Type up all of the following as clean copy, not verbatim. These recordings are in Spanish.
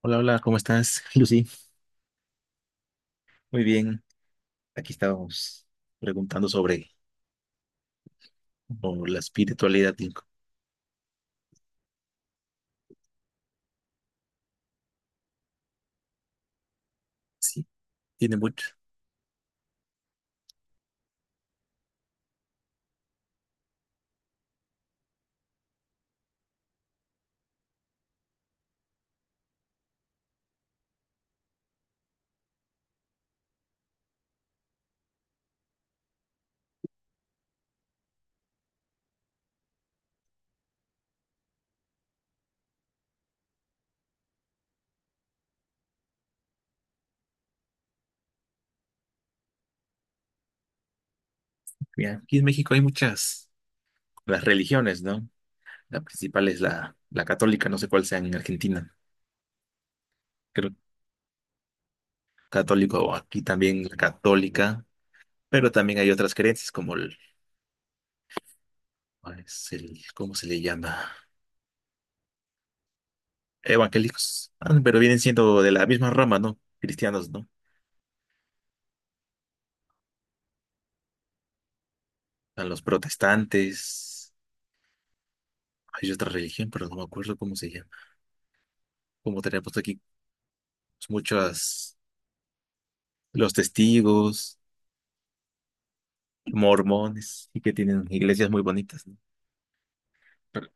Hola, hola, ¿cómo estás, Lucy? Muy bien, aquí estábamos preguntando sobre o la espiritualidad. Y sí, tiene mucho. Mira, aquí en México hay muchas, las religiones, ¿no? La principal es la católica, no sé cuál sea en Argentina. Creo católico o aquí también la católica, pero también hay otras creencias como el, ¿cuál es el- ¿cómo se le llama? Evangélicos. Ah, pero vienen siendo de la misma rama, ¿no? Cristianos, ¿no? A los protestantes. Hay otra religión, pero no me acuerdo cómo se llama. Como tenemos aquí muchos, los testigos, mormones, y que tienen iglesias muy bonitas, ¿no? Pero-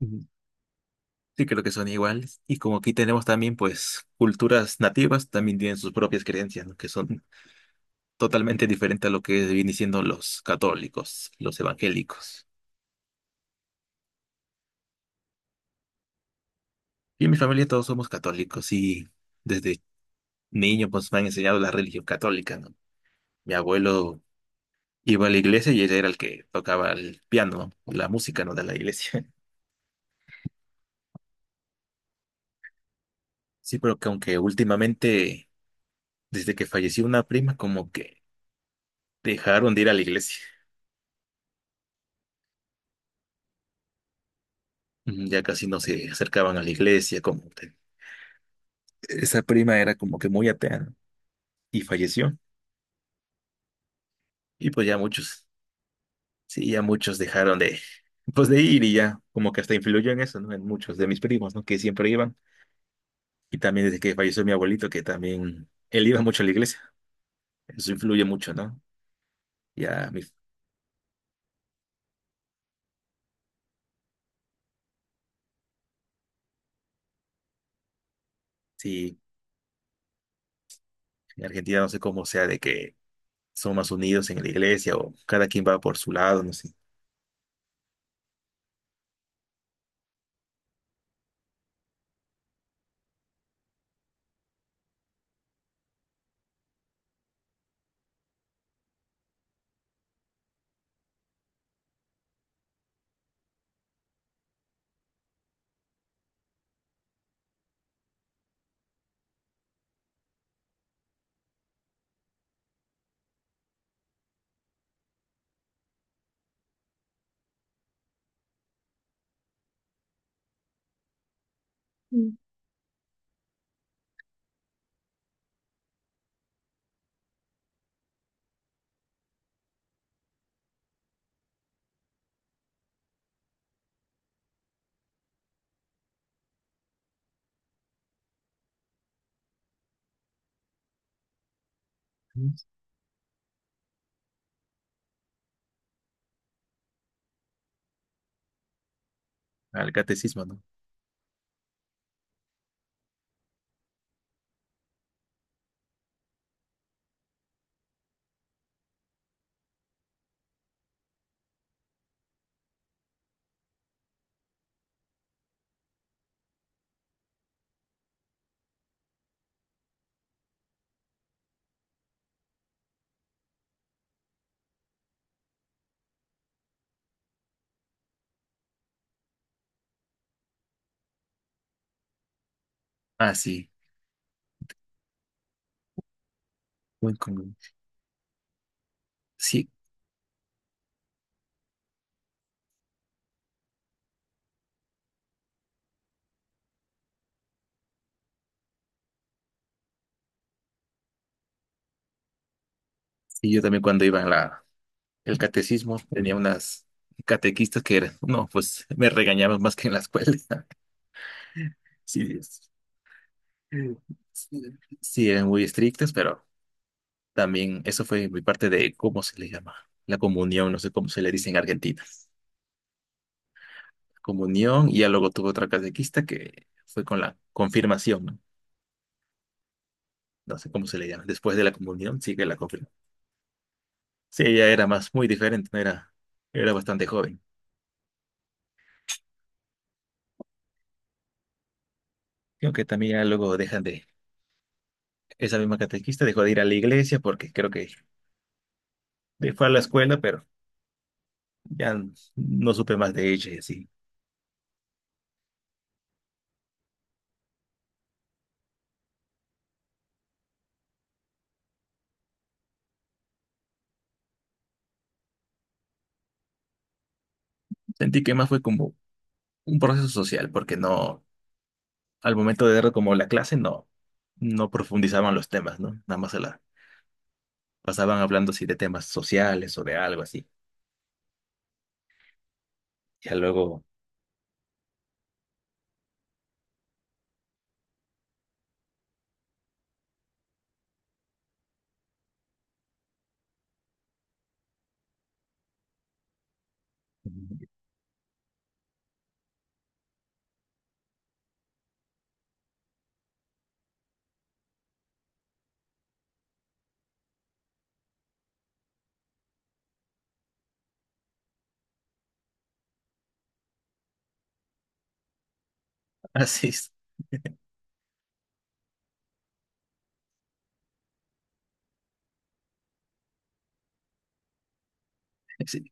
ujú. Sí, creo que son iguales. Y como aquí tenemos también, pues, culturas nativas, también tienen sus propias creencias, ¿no? Que son totalmente diferentes a lo que vienen siendo los católicos, los evangélicos. Y en mi familia todos somos católicos y desde niño, pues, me han enseñado la religión católica, ¿no? Mi abuelo iba a la iglesia y él era el que tocaba el piano, ¿no? La música, ¿no? De la iglesia. Sí, pero que aunque últimamente, desde que falleció una prima, como que dejaron de ir a la iglesia. Mm, ya casi no se acercaban a la iglesia, como que esa prima era como que muy atea, ¿no? Y falleció. Y pues ya muchos, sí, ya muchos dejaron de, pues de ir y ya, como que hasta influyó en eso, ¿no? En muchos de mis primos, ¿no? Que siempre iban. Y también desde que falleció mi abuelito, que también él iba mucho a la iglesia. Eso influye mucho, ¿no? Ya, mi- sí, en Argentina no sé cómo sea de que son más unidos en la iglesia o cada quien va por su lado, no sé. ¿Al catecismo, no? Ah, sí, muy común. Sí, sí, yo también cuando iba en la, el catecismo tenía unas catequistas que eran, no, pues me regañaban más que en la escuela. Sí, es- sí, sí, eran muy estrictas, pero también eso fue mi parte de, ¿cómo se le llama? La comunión, no sé cómo se le dice en Argentina. Comunión, y ya luego tuve otra catequista que fue con la confirmación, ¿no? No sé cómo se le llama, después de la comunión, sí que la confirmó. Sí, ella era más, muy diferente, no era, era bastante joven. Creo que también ya luego dejan de, esa misma catequista dejó de ir a la iglesia porque creo que de- fue a la escuela, pero ya n- no supe más de ella y así. Sentí que más fue como un proceso social, porque no, al momento de dar como la clase, no, no profundizaban los temas, ¿no? Nada más se la pasaban hablando así de temas sociales o de algo así. Ya luego, mm, así es. Sí.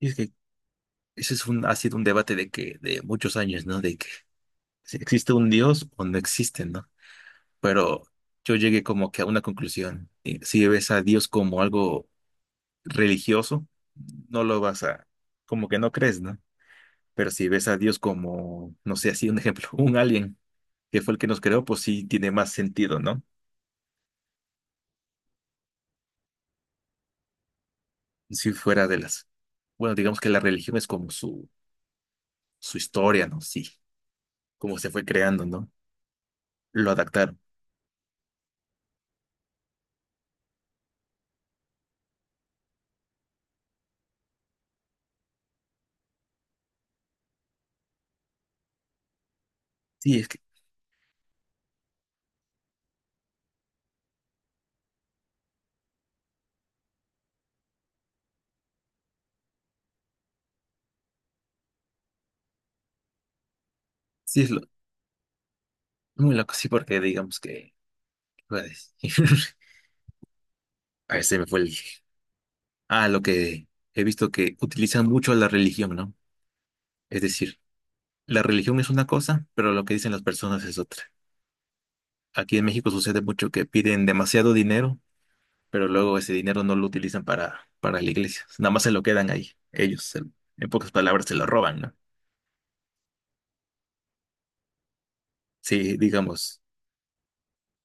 Y es que ese es un, ha sido un debate de que, de muchos años, ¿no? De que si existe un Dios o no existe, ¿no? Pero yo llegué como que a una conclusión. Y si ves a Dios como algo religioso, no lo vas a, como que no crees, ¿no? Pero si ves a Dios como, no sé, así un ejemplo, un alien que fue el que nos creó, pues sí tiene más sentido, ¿no? Si fuera de las, bueno, digamos que la religión es como su historia, ¿no? Sí, cómo se fue creando, ¿no? Lo adaptaron. Sí, es que sí, es lo, muy loco, sí, porque digamos que... ¿qué a decir? Ver, se me fue el... Ah, lo que he visto que utilizan mucho la religión, ¿no? Es decir, la religión es una cosa, pero lo que dicen las personas es otra. Aquí en México sucede mucho que piden demasiado dinero, pero luego ese dinero no lo utilizan para la iglesia. Nada más se lo quedan ahí. Ellos, se- en pocas palabras, se lo roban, ¿no? Sí, digamos,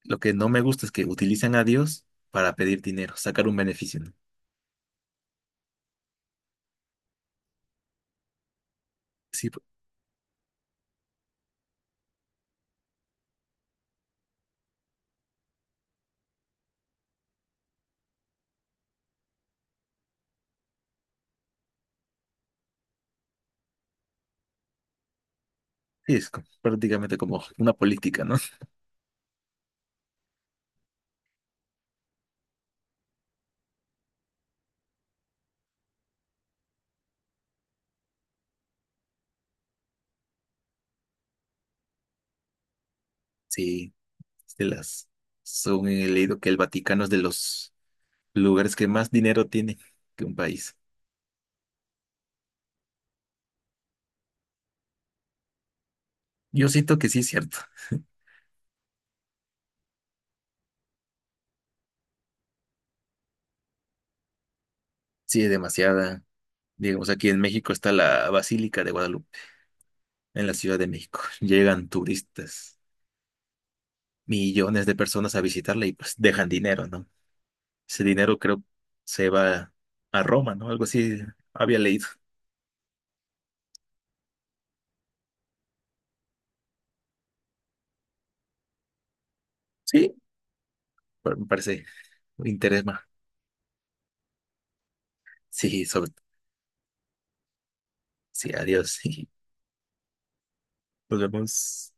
lo que no me gusta es que utilizan a Dios para pedir dinero, sacar un beneficio, ¿no? Sí, pues, sí, es como- prácticamente como una política, ¿no? Sí, de las. Según he leído que el Vaticano es de los lugares que más dinero tiene que un país. Yo siento que sí es cierto. Sí, es demasiada. Digamos, aquí en México está la Basílica de Guadalupe, en la Ciudad de México. Llegan turistas, millones de personas a visitarla y pues dejan dinero, ¿no? Ese dinero creo se va a Roma, ¿no? Algo así había leído. Sí, pero me parece un interés más. Sí, sobre... Sí, adiós. Nos vemos.